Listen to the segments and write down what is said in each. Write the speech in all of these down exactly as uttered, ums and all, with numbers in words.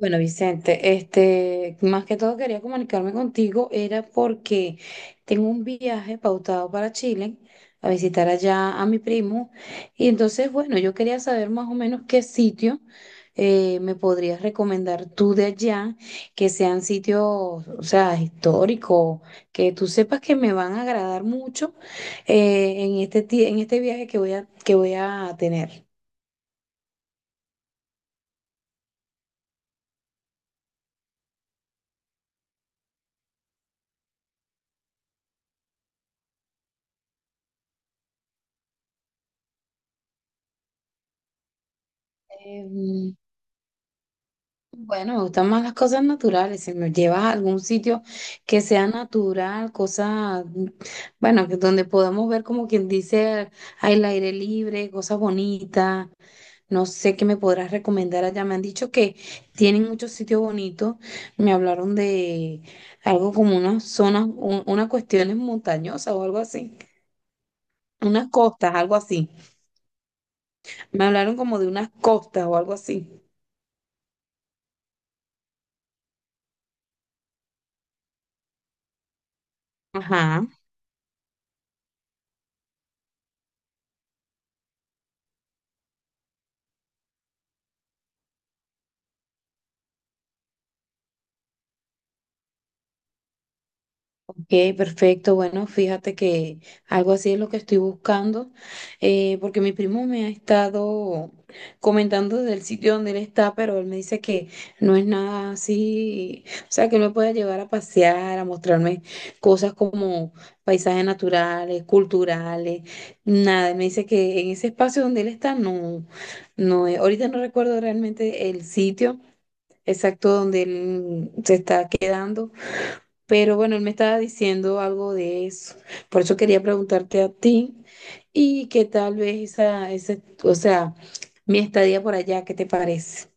Bueno, Vicente, este, más que todo quería comunicarme contigo, era porque tengo un viaje pautado para Chile a visitar allá a mi primo. Y entonces, bueno, yo quería saber más o menos qué sitio eh, me podrías recomendar tú de allá, que sean sitios, o sea, históricos, que tú sepas que me van a agradar mucho eh, en este, ti- en este viaje que voy a, que voy a tener. Em, Bueno, me gustan más las cosas naturales. Si me llevas a algún sitio que sea natural, cosas, bueno, que donde podamos ver, como quien dice, al aire libre, cosas bonitas. No sé qué me podrás recomendar allá. Me han dicho que tienen muchos sitios bonitos. Me hablaron de algo como unas zonas, un- unas cuestiones montañosas o algo así. Unas costas, algo así. Me hablaron como de unas costas o algo así. Ajá. Ok, perfecto. Bueno, fíjate que algo así es lo que estoy buscando, eh, porque mi primo me ha estado comentando del sitio donde él está, pero él me dice que no es nada así, o sea, que no me puede llevar a pasear, a mostrarme cosas como paisajes naturales, culturales, nada. Él me dice que en ese espacio donde él está, no, no, es- ahorita no recuerdo realmente el sitio exacto donde él se está quedando, pero bueno, él me estaba diciendo algo de eso. Por eso quería preguntarte a ti, y que tal vez esa, ese, o sea, mi estadía por allá, ¿qué te parece?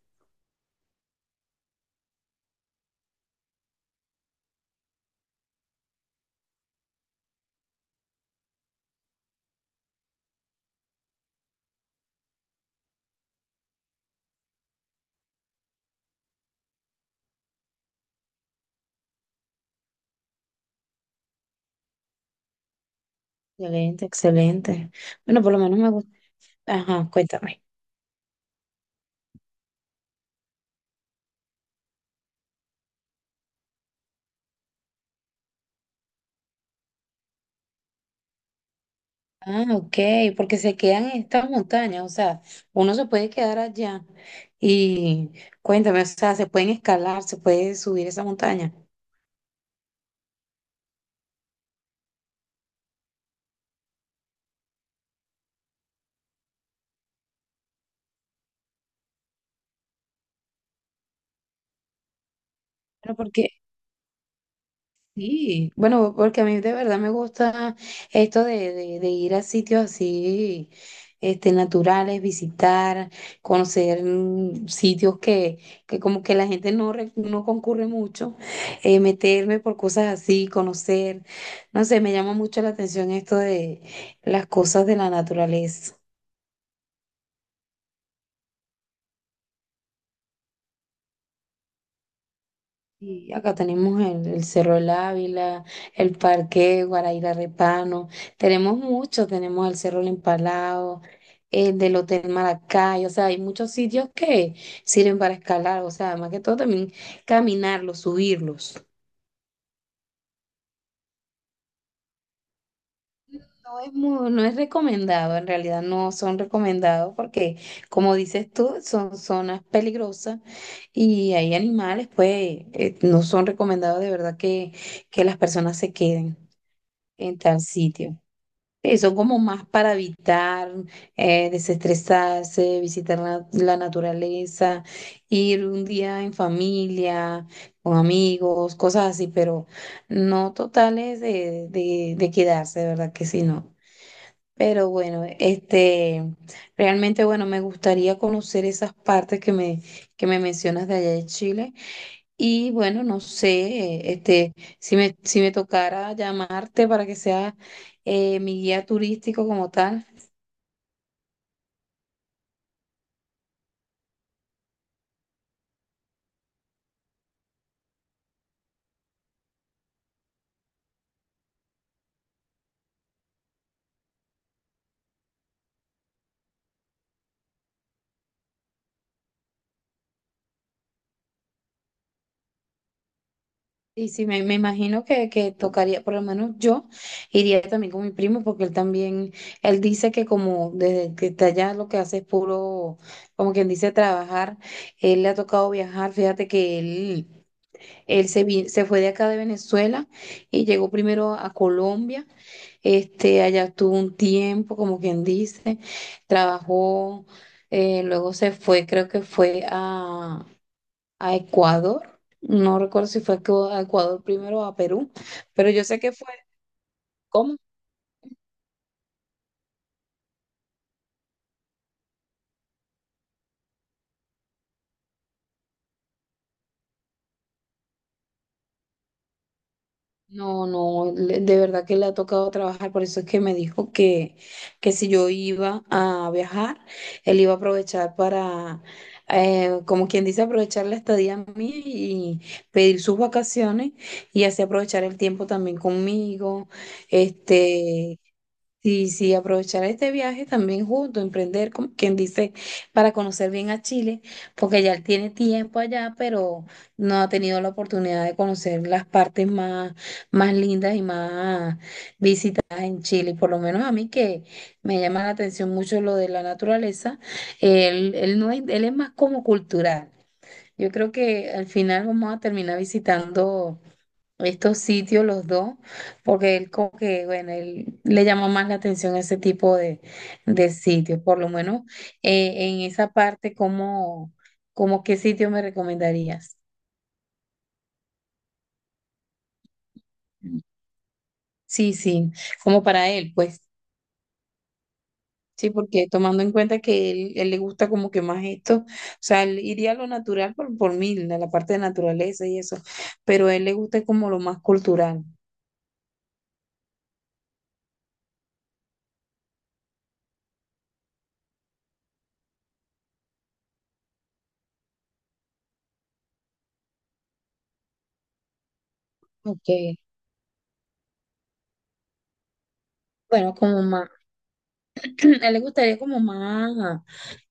Excelente, excelente. Bueno, por lo menos me gusta. Ajá, cuéntame. Ah, ok, porque se quedan en estas montañas, o sea, uno se puede quedar allá, y cuéntame, o sea, se pueden escalar, se puede subir esa montaña. Bueno, porque Sí, bueno, porque a mí de verdad me gusta esto de, de, de ir a sitios así, este, naturales, visitar, conocer, mm, sitios que, que como que la gente no, re- no concurre mucho, eh, meterme por cosas así, conocer, no sé, me llama mucho la atención esto de las cosas de la naturaleza. Y acá tenemos el, el Cerro del Ávila, el Parque Guaraíra Repano, tenemos mucho, tenemos el Cerro El Empalado, el del Hotel Maracay, o sea, hay muchos sitios que sirven para escalar, o sea, más que todo también caminarlos, subirlos. No es muy- no es recomendado, en realidad no son recomendados porque, como dices tú, son zonas peligrosas y hay animales, pues, eh, no son recomendados, de verdad que, que las personas se queden en tal sitio. Sí, son como más para evitar, eh, desestresarse, visitar la, la naturaleza, ir un día en familia, con amigos, cosas así, pero no totales de, de, de quedarse, de verdad que sí, no. Pero bueno, este, realmente, bueno, me gustaría conocer esas partes que me, que me mencionas de allá de Chile. Y bueno, no sé, este, si me, si me tocara llamarte para que sea eh, mi guía turístico como tal. Y sí me, me imagino que, que tocaría, por lo menos yo iría también con mi primo, porque él también, él dice que como desde que está allá lo que hace es puro, como quien dice, trabajar. Él le ha tocado viajar, fíjate que él, él se, vi- se fue de acá de Venezuela y llegó primero a Colombia. Este, allá estuvo un tiempo, como quien dice, trabajó, eh, luego se fue, creo que fue a, a Ecuador, no recuerdo si fue a Ecu- a Ecuador primero o a Perú, pero yo sé que fue, ¿cómo? No, no, le- de verdad que le ha tocado trabajar, por eso es que me dijo que, que si yo iba a viajar, él iba a aprovechar para, eh, como quien dice, aprovechar la estadía mía y pedir sus vacaciones, y así aprovechar el tiempo también conmigo, este, sí, sí, aprovechar este viaje también junto, emprender, como quien dice, para conocer bien a Chile, porque ya él tiene tiempo allá, pero no ha tenido la oportunidad de conocer las partes más, más lindas y más visitadas en Chile. Por lo menos a mí, que me llama la atención mucho lo de la naturaleza, él, él no es, él es más como cultural. Yo creo que al final vamos a terminar visitando estos sitios los dos, porque él como que, bueno, él le llama más la atención ese tipo de, de sitios, por lo menos eh, en esa parte, ¿cómo, cómo qué sitio me recomendarías? Sí, sí, como para él, pues, sí, porque tomando en cuenta que él, él le gusta como que más esto, o sea, él iría a lo natural por, por mí, a la parte de naturaleza y eso, pero a él le gusta como lo más cultural, ok, bueno, como más. A él le gustaría como más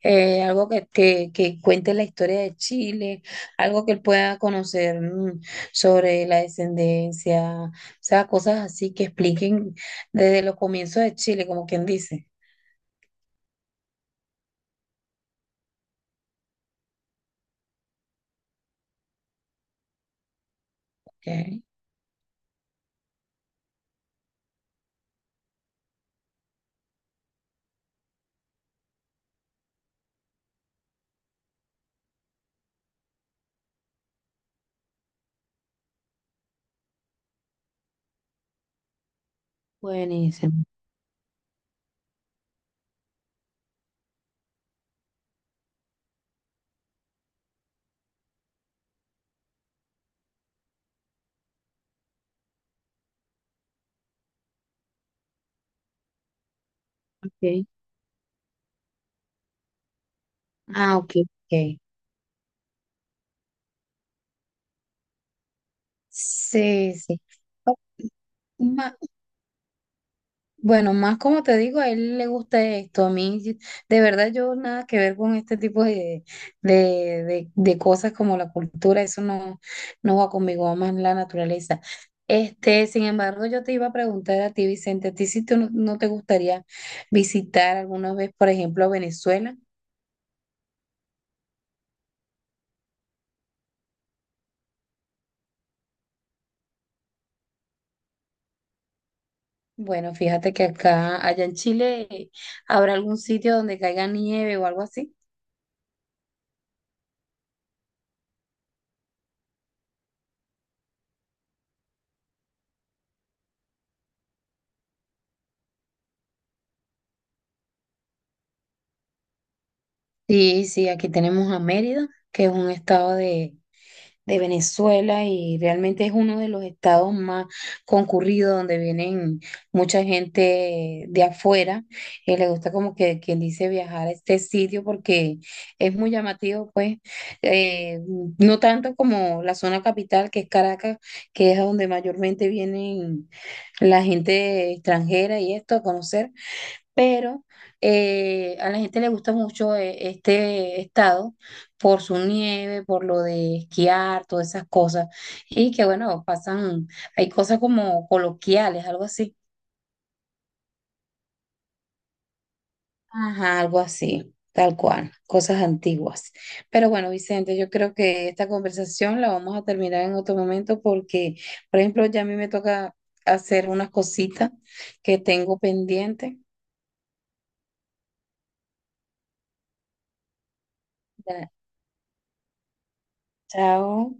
eh, algo que, que, que cuente la historia de Chile, algo que él pueda conocer, mm, sobre la descendencia, o sea, cosas así que expliquen desde los comienzos de Chile, como quien dice. Ok. Buenísimo. Ok. Ah, ok, ok. Sí, sí. Oh, Ma- Bueno, más como te digo, a él le gusta esto. A mí, sí, de verdad, yo nada que ver con este tipo de, de, de, de cosas como la cultura, eso no, no va conmigo, va más la naturaleza. Este, sin embargo, yo te iba a preguntar a ti, Vicente, ¿a ti si tú no, no te gustaría visitar alguna vez, por ejemplo, a Venezuela? Bueno, fíjate que acá, allá en Chile, eh, habrá algún sitio donde caiga nieve o algo así. Sí, sí, aquí tenemos a Mérida, que es un estado de de Venezuela, y realmente es uno de los estados más concurridos donde vienen mucha gente de afuera, y le gusta como que quien dice viajar a este sitio porque es muy llamativo, pues, eh, no tanto como la zona capital, que es Caracas, que es a donde mayormente vienen la gente extranjera y esto a conocer, pero eh, a la gente le gusta mucho eh, este estado por su nieve, por lo de esquiar, todas esas cosas, y que bueno, pasan, hay cosas como coloquiales, algo así. Ajá, algo así, tal cual, cosas antiguas. Pero bueno, Vicente, yo creo que esta conversación la vamos a terminar en otro momento porque, por ejemplo, ya a mí me toca hacer unas cositas que tengo pendiente. Ya, chao.